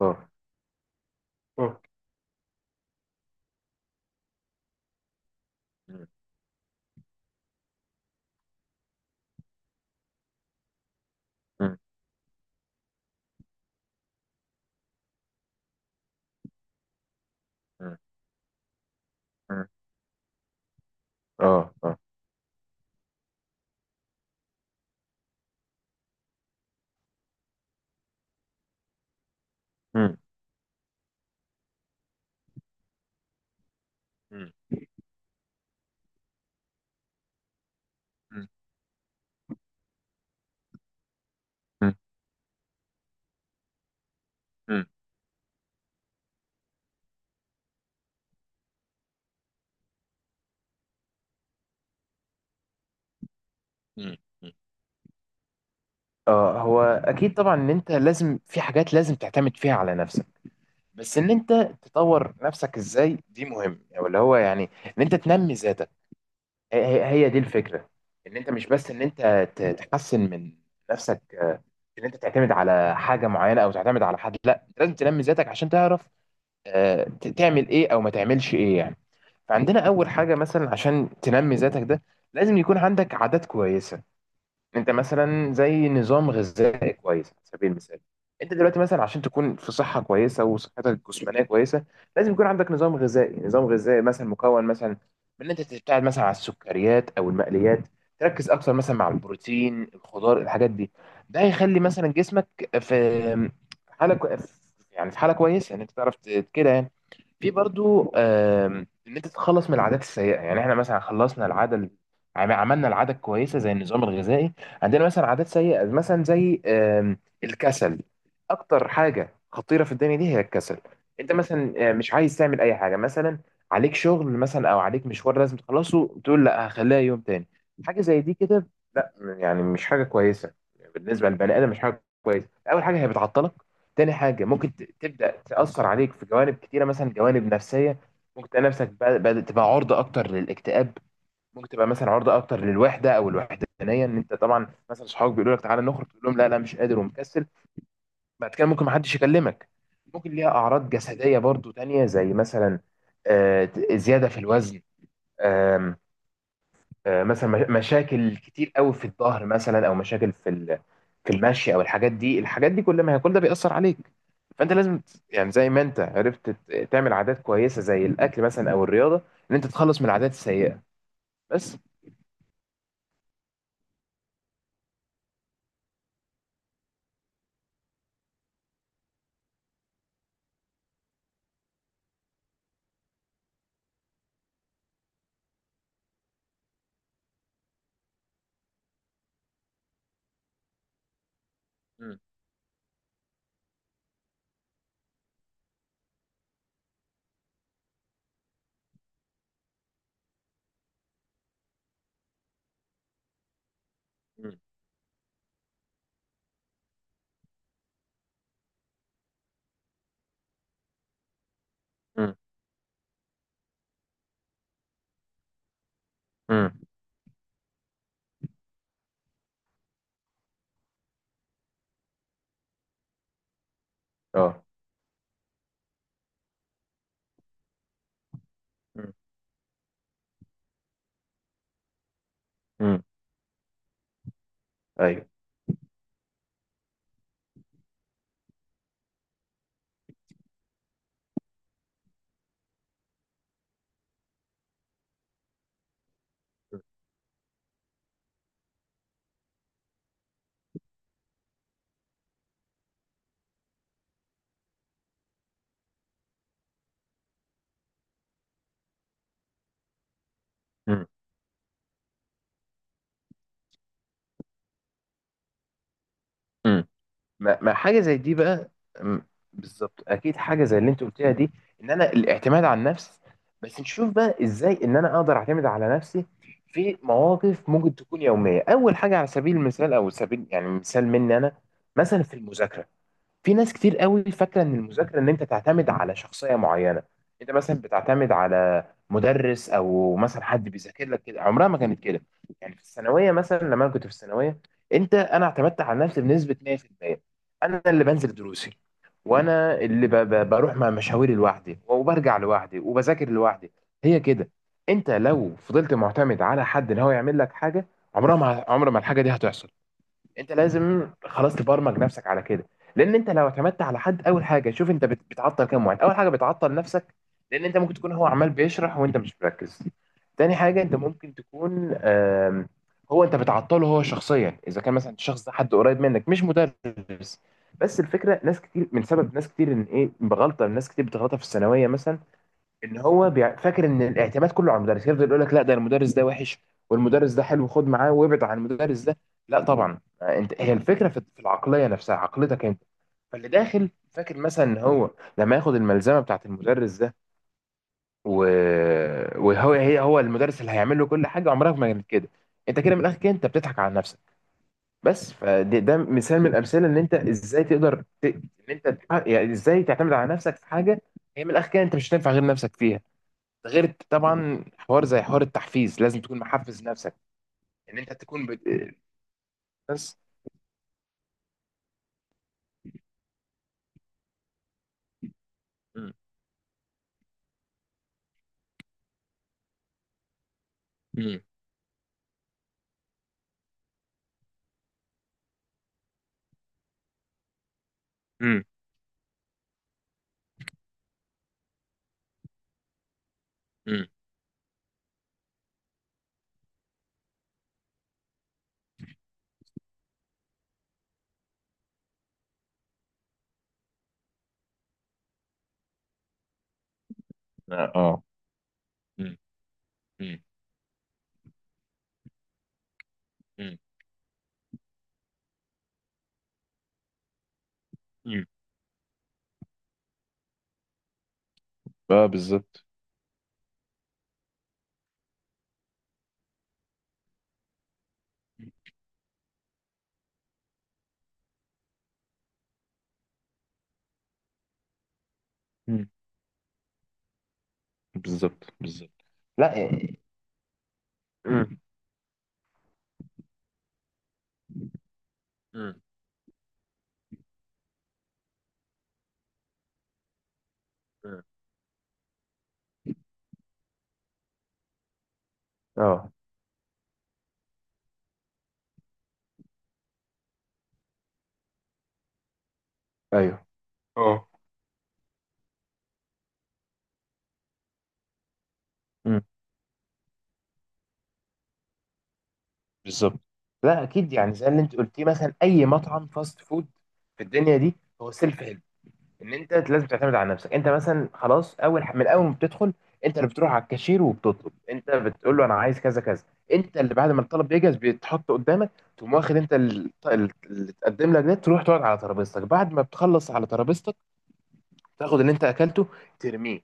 اه. مم. مم. مم. مم. مم. اه. اه. مم. مم. مم. مم. مم. مم. مم. اه. هو اكيد طبعا ان انت لازم في حاجات لازم تعتمد فيها على نفسك. بس ان انت تطور نفسك ازاي دي مهم، او اللي هو يعني ان انت تنمي ذاتك. هي دي الفكره. ان انت مش بس ان انت تحسن من نفسك. ان انت تعتمد على حاجه معينه او تعتمد على حد، لا انت لازم تنمي ذاتك عشان تعرف تعمل ايه او ما تعملش ايه يعني. فعندنا اول حاجه مثلا عشان تنمي ذاتك ده لازم يكون عندك عادات كويسه. انت مثلا زي نظام غذائي كويس على سبيل المثال. انت دلوقتي مثلا عشان تكون في صحه كويسه وصحتك الجسمانيه كويسه لازم يكون عندك نظام غذائي مثلا، مكون مثلا من ان انت تبتعد مثلا عن السكريات او المقليات، تركز اكثر مثلا مع البروتين الخضار الحاجات دي. ده هيخلي مثلا جسمك في حاله كو- يعني في حاله كويسه ان انت تعرف كده يعني. في برضو ان انت تتخلص من العادات السيئه. يعني احنا مثلا خلصنا العاده ال- عم- عملنا العاده الكويسه زي النظام الغذائي. عندنا مثلا عادات سيئه مثلا زي الكسل. اكتر حاجه خطيره في الدنيا دي هي الكسل. انت مثلا مش عايز تعمل اي حاجه، مثلا عليك شغل مثلا او عليك مشوار لازم تخلصه، تقول لا هخليها يوم تاني. حاجه زي دي كده لا، يعني مش حاجه كويسه. بالنسبه للبني ادم مش حاجه كويسه. اول حاجه هي بتعطلك. تاني حاجة ممكن تبدأ تأثر عليك في جوانب كتيرة، مثلا جوانب نفسية. ممكن تلاقي نفسك بدأت تبقى عرضة أكتر للاكتئاب. ممكن تبقى مثلا عرضة أكتر للوحدة أو الوحدانية، إن أنت طبعا مثلا صحابك بيقولوا لك تعالى نخرج، تقول لهم لا لا مش قادر ومكسل. بعد كده ممكن محدش يكلمك. ممكن ليها أعراض جسدية برضو تانية زي مثلا زيادة في الوزن. آم، مثلا مشاكل كتير قوي في الظهر مثلا، أو مشاكل في المشي أو الحاجات دي. كل ما هي كل ده بيأثر عليك. فانت لازم يعني زي ما انت عرفت تعمل عادات كويسه زي الاكل مثلا او الرياضه، ان انت تتخلص من العادات السيئه، بس. مم. مم. مم. امم. اه. مم. امم. ايوه. امم. امم. ما حاجه زي دي بقى. أم، بالظبط اكيد حاجه زي اللي انت قلتها دي. ان انا الاعتماد على النفس. بس نشوف بقى ازاي ان انا اقدر اعتمد على نفسي في مواقف ممكن تكون يوميه. اول حاجه على سبيل المثال، او سبيل يعني مثال مني انا، مثلا في المذاكره. في ناس كتير قوي فاكره ان المذاكره ان انت تعتمد على شخصيه معينه. انت مثلا بتعتمد على مدرس، او مثلا حد بيذاكر لك كده. عمرها ما كانت كده. يعني في الثانويه مثلا، لما انا كنت في الثانويه انا اعتمدت على نفسي بنسبه 100%. انا اللي بنزل دروسي، وانا اللي بروح مع مشاويري لوحدي وبرجع لوحدي وبذاكر لوحدي. هي كده. انت لو فضلت معتمد على حد ان هو يعمل لك حاجه، عمر ما الحاجه دي هتحصل. انت لازم خلاص تبرمج نفسك على كده. لان انت لو اعتمدت على حد، اول حاجه، شوف انت بتعطل كام واحد. اول حاجه بتعطل نفسك، لان انت ممكن تكون هو عمال بيشرح وانت مش مركز. تاني حاجه انت ممكن تكون هو انت بتعطله هو شخصيا، اذا كان مثلا الشخص ده حد قريب منك مش مدرس. بس الفكره ناس كتير، من سبب ناس كتير ان ايه، بغلطه ناس كتير بتغلطها في الثانويه مثلا، ان هو فاكر ان الاعتماد كله على المدرس. يفضل يقول لك لا، ده المدرس ده وحش، والمدرس ده حلو، خد معاه وابعد عن المدرس ده. لا طبعا. انت هي الفكره في العقليه نفسها، عقلتك انت. فاللي داخل فاكر مثلا ان هو لما ياخد الملزمه بتاعت المدرس ده و... وهو هي هو المدرس اللي هيعمل له كل حاجه، عمرها ما كانت كده. انت كده من الاخر كده انت بتضحك على نفسك، بس. فده مثال من الامثله ان انت ازاي تقدر ان انت يعني ازاي تعتمد على نفسك في حاجه. هي من الاخر كده انت مش هتنفع غير نفسك فيها، غير طبعا حوار زي حوار التحفيز. لازم تكون محفز نفسك ان انت تكون بس. مم. مم. مم. مم. اه. آه. مم. مم. مم. مم. اه. بالظبط. مم. بالظبط. بالظبط. لا إيه. مم. مم. مم. اه. ايوه. اه. مم. بالظبط. لا اكيد، يعني زي اللي انت قلتيه مثلا، اي مطعم فاست فود في الدنيا دي هو سيلف هيلب، ان انت لازم تعتمد على نفسك. انت مثلا خلاص من اول ما بتدخل انت اللي بتروح على الكاشير وبتطلب، انت بتقول له انا عايز كذا كذا. انت اللي بعد ما الطلب يجهز بيتحط قدامك تقوم واخد انت اللي اتقدم لك ده، تروح تقعد على ترابيزتك. بعد ما بتخلص على ترابيزتك تاخد اللي انت اكلته ترميه.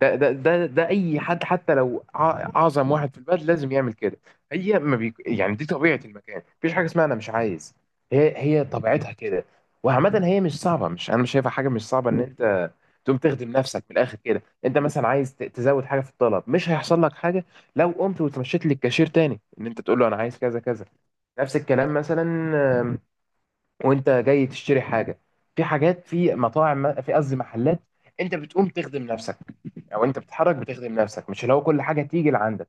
ده اي حد حتى لو اعظم واحد في البلد لازم يعمل كده. هي ما بيك... يعني دي طبيعه المكان، مفيش حاجه اسمها انا مش عايز. هي طبيعتها كده. وعامه هي مش صعبه، مش انا مش شايفها حاجه مش صعبه ان انت تقوم تخدم نفسك. من الاخر كده انت مثلا عايز تزود حاجه في الطلب مش هيحصل لك حاجه لو قمت وتمشيت للكاشير تاني ان انت تقول له انا عايز كذا كذا. نفس الكلام مثلا. آم، وانت جاي تشتري حاجه، في حاجات في مطاعم، في قصدي محلات، انت بتقوم تخدم نفسك، او انت بتتحرك بتخدم نفسك، مش اللي هو كل حاجه تيجي لعندك.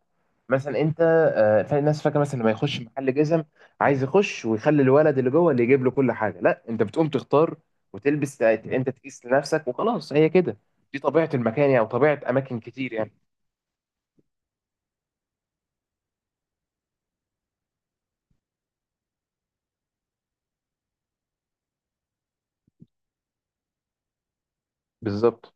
مثلا انت الناس فاكره مثلا لما يخش محل جزم عايز يخش ويخلي الولد اللي جوه اللي يجيب له كل حاجه. لا، انت بتقوم تختار وتلبس، انت تقيس لنفسك وخلاص، هي كده. دي طبيعه المكان يعني، وطبيعه اماكن كتير يعني. بالظبط.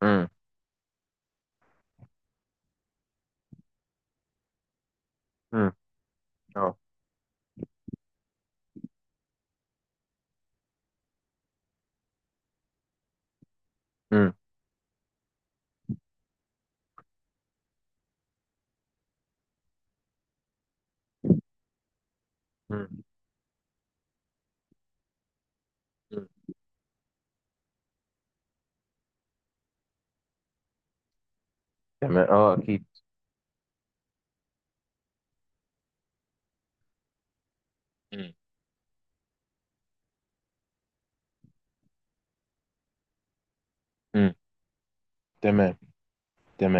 امم. امم. اه. امم. امم. تمام. اه اكيد. امم. امم. تمام. تمام.